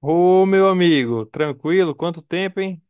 Ô, meu amigo, tranquilo? Quanto tempo, hein?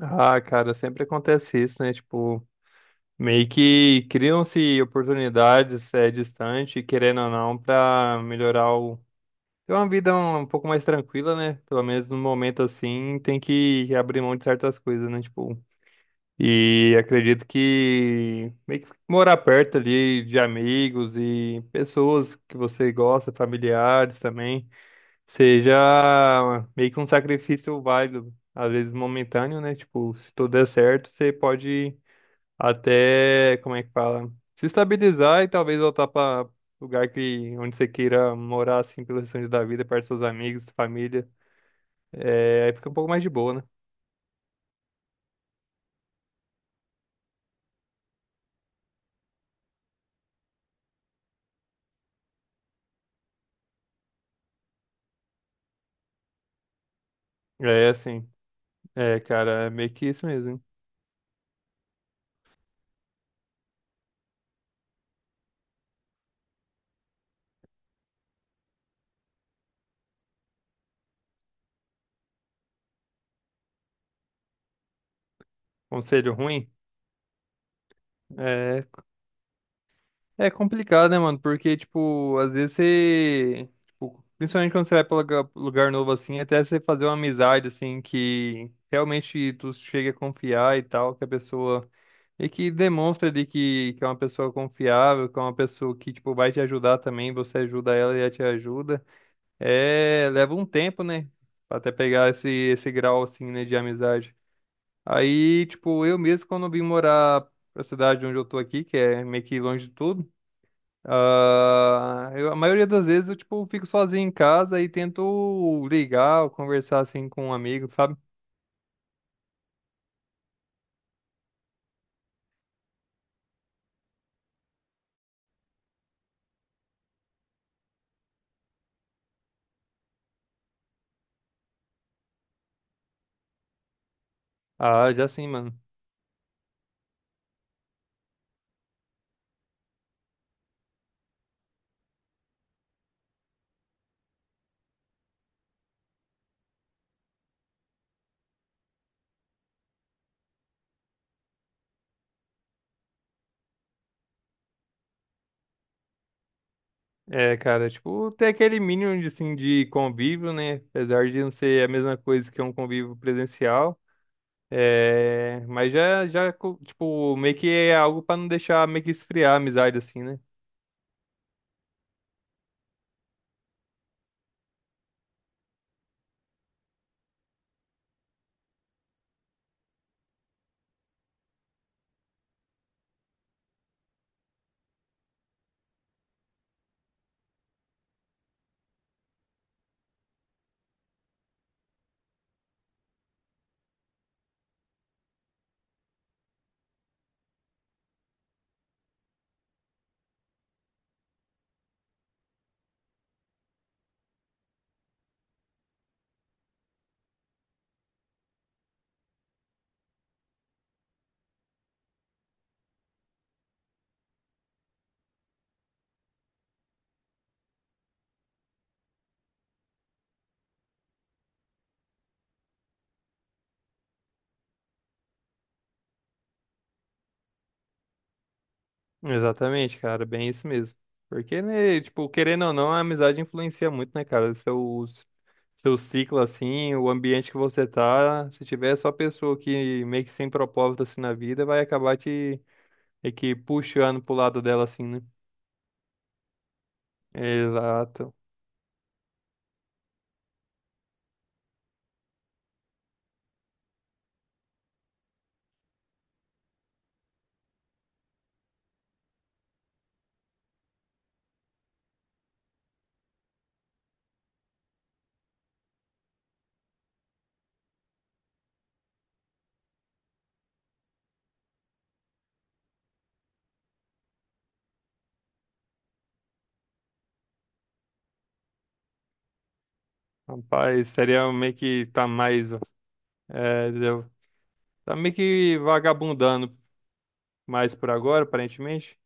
Ah, cara, sempre acontece isso, né? Tipo, meio que criam-se oportunidades é, distante, querendo ou não, pra melhorar o. Ter uma vida um pouco mais tranquila, né? Pelo menos no momento assim, tem que abrir mão de certas coisas, né? Tipo, e acredito que meio que morar perto ali de amigos e pessoas que você gosta, familiares também. Seja meio que um sacrifício válido, às vezes momentâneo, né? Tipo, se tudo der certo, você pode até, como é que fala? Se estabilizar e talvez voltar para lugar que onde você queira morar, assim, pelo restante da vida, perto dos seus amigos, família. É, aí fica um pouco mais de boa, né? É, assim, é, cara, é meio que isso mesmo. Hein? Conselho ruim? É, é complicado, né, mano? Porque, tipo, às vezes você. Tipo, principalmente quando você vai pra lugar novo, assim, até você fazer uma amizade, assim, que realmente tu chega a confiar e tal, que a pessoa. E que demonstra de que é uma pessoa confiável, que é uma pessoa que, tipo, vai te ajudar também, você ajuda ela e ela te ajuda. É. Leva um tempo, né? Pra até pegar esse grau, assim, né, de amizade. Aí, tipo, eu mesmo, quando vim morar pra cidade onde eu tô aqui, que é meio que longe de tudo. Ah, eu- a maioria das vezes eu, tipo, fico sozinho em casa e tento ligar ou conversar, assim, com um amigo, sabe? Ah, já sim, mano. É, cara, tipo, ter aquele mínimo, de, assim, de convívio, né? Apesar de não ser a mesma coisa que um convívio presencial. É, mas já, já, co- tipo, meio que é algo pra não deixar meio que esfriar a amizade, assim, né? Exatamente, cara, bem isso mesmo. Porque, né, tipo, querendo ou não, a amizade influencia muito, né, cara? Seu ciclo, assim, o ambiente que você tá, se tiver só pessoa que meio que sem propósito, assim, na vida, vai acabar te, meio que puxando pro lado dela, assim, né? Exato. Rapaz, seria meio que tá mais, é, entendeu? Tá meio que vagabundando mais por agora, aparentemente.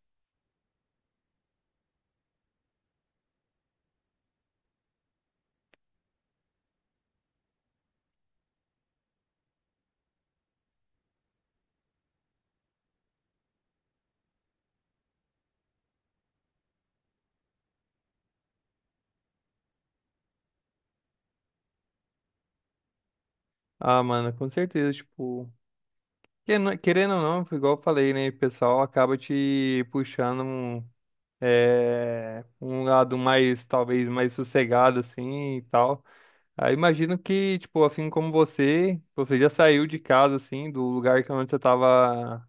Ah, mano, com certeza, tipo... Que não- querendo ou não, igual eu falei, né? O pessoal acaba te puxando um, é, um lado mais, talvez, mais sossegado, assim, e tal. Aí imagino que, tipo, assim como você, você já saiu de casa, assim, do lugar que onde você tava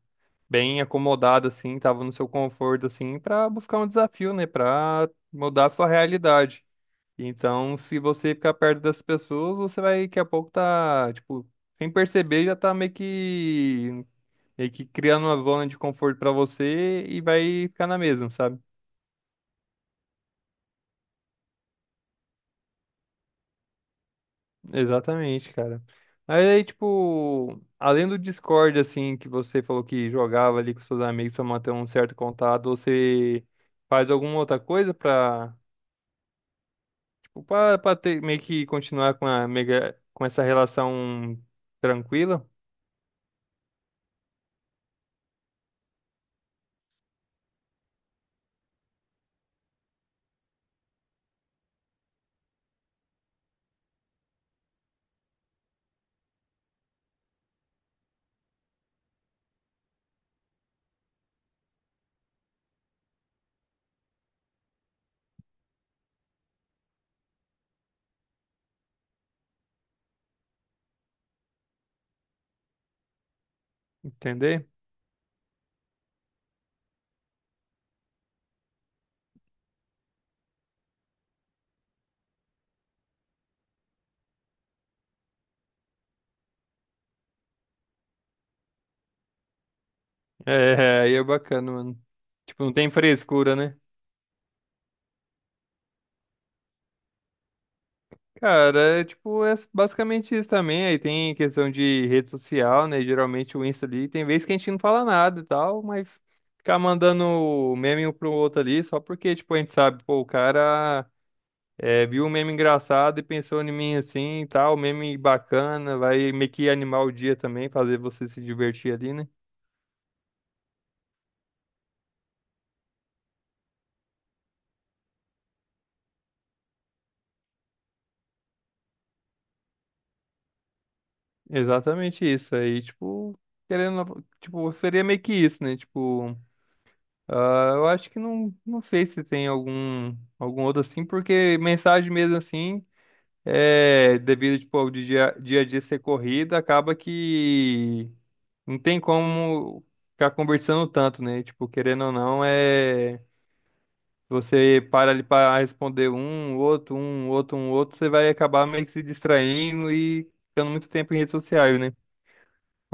bem acomodado, assim, tava no seu conforto, assim, pra buscar um desafio, né? Pra mudar a sua realidade. Então, se você ficar perto das pessoas, você vai, daqui a pouco, tá, tipo, sem perceber, já tá meio que meio que criando uma zona de conforto pra você e vai ficar na mesma, sabe? Exatamente, cara. Mas aí, tipo, além do Discord, assim, que você falou que jogava ali com seus amigos pra manter um certo contato, você faz alguma outra coisa pra, tipo, pra ter, meio que continuar com a mega, com essa relação tranquila, entender? É, aí é bacana, mano. Tipo, não tem frescura, né? Cara, é tipo, é basicamente isso também. Aí tem questão de rede social, né? Geralmente o Insta ali, tem vezes que a gente não fala nada e tal, mas ficar mandando meme um pro outro ali, só porque, tipo, a gente sabe, pô, o cara é, viu um meme engraçado e pensou em mim assim e tal, meme bacana, vai meio que animar o dia também, fazer você se divertir ali, né? Exatamente isso. Aí, tipo, querendo, tipo, seria meio que isso, né? Tipo. Ah, eu acho que não, não sei se tem algum, algum outro assim, porque mensagem mesmo assim, é, devido tipo, ao dia, dia a dia ser corrida, acaba que não tem como ficar conversando tanto, né? Tipo, querendo ou não, é você para ali para responder um, outro, um, outro, um, outro, você vai acabar meio que se distraindo e ficando muito tempo em redes sociais, né?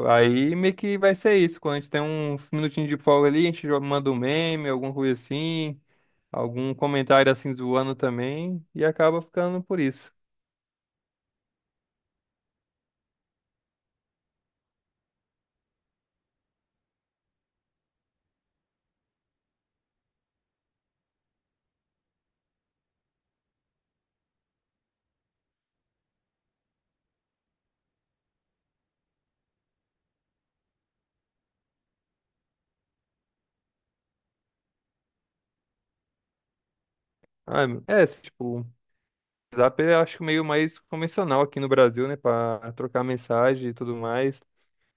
Aí meio que vai ser isso, quando a gente tem um minutinho de folga ali, a gente joga- manda um meme, alguma coisa assim algum comentário assim zoando também e acaba ficando por isso. Ah, é, assim, tipo, o Zap é acho que meio mais convencional aqui no Brasil, né, para trocar mensagem e tudo mais.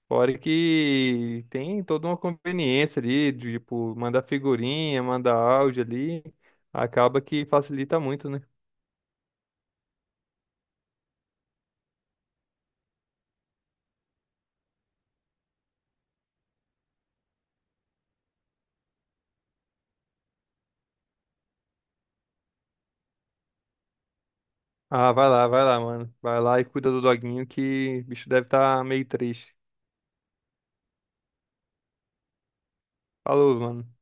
Fora que tem toda uma conveniência ali, de, tipo, mandar figurinha, mandar áudio ali, acaba que facilita muito, né? Ah, vai lá, mano. Vai lá e cuida do doguinho que o bicho deve estar meio triste. Falou, mano.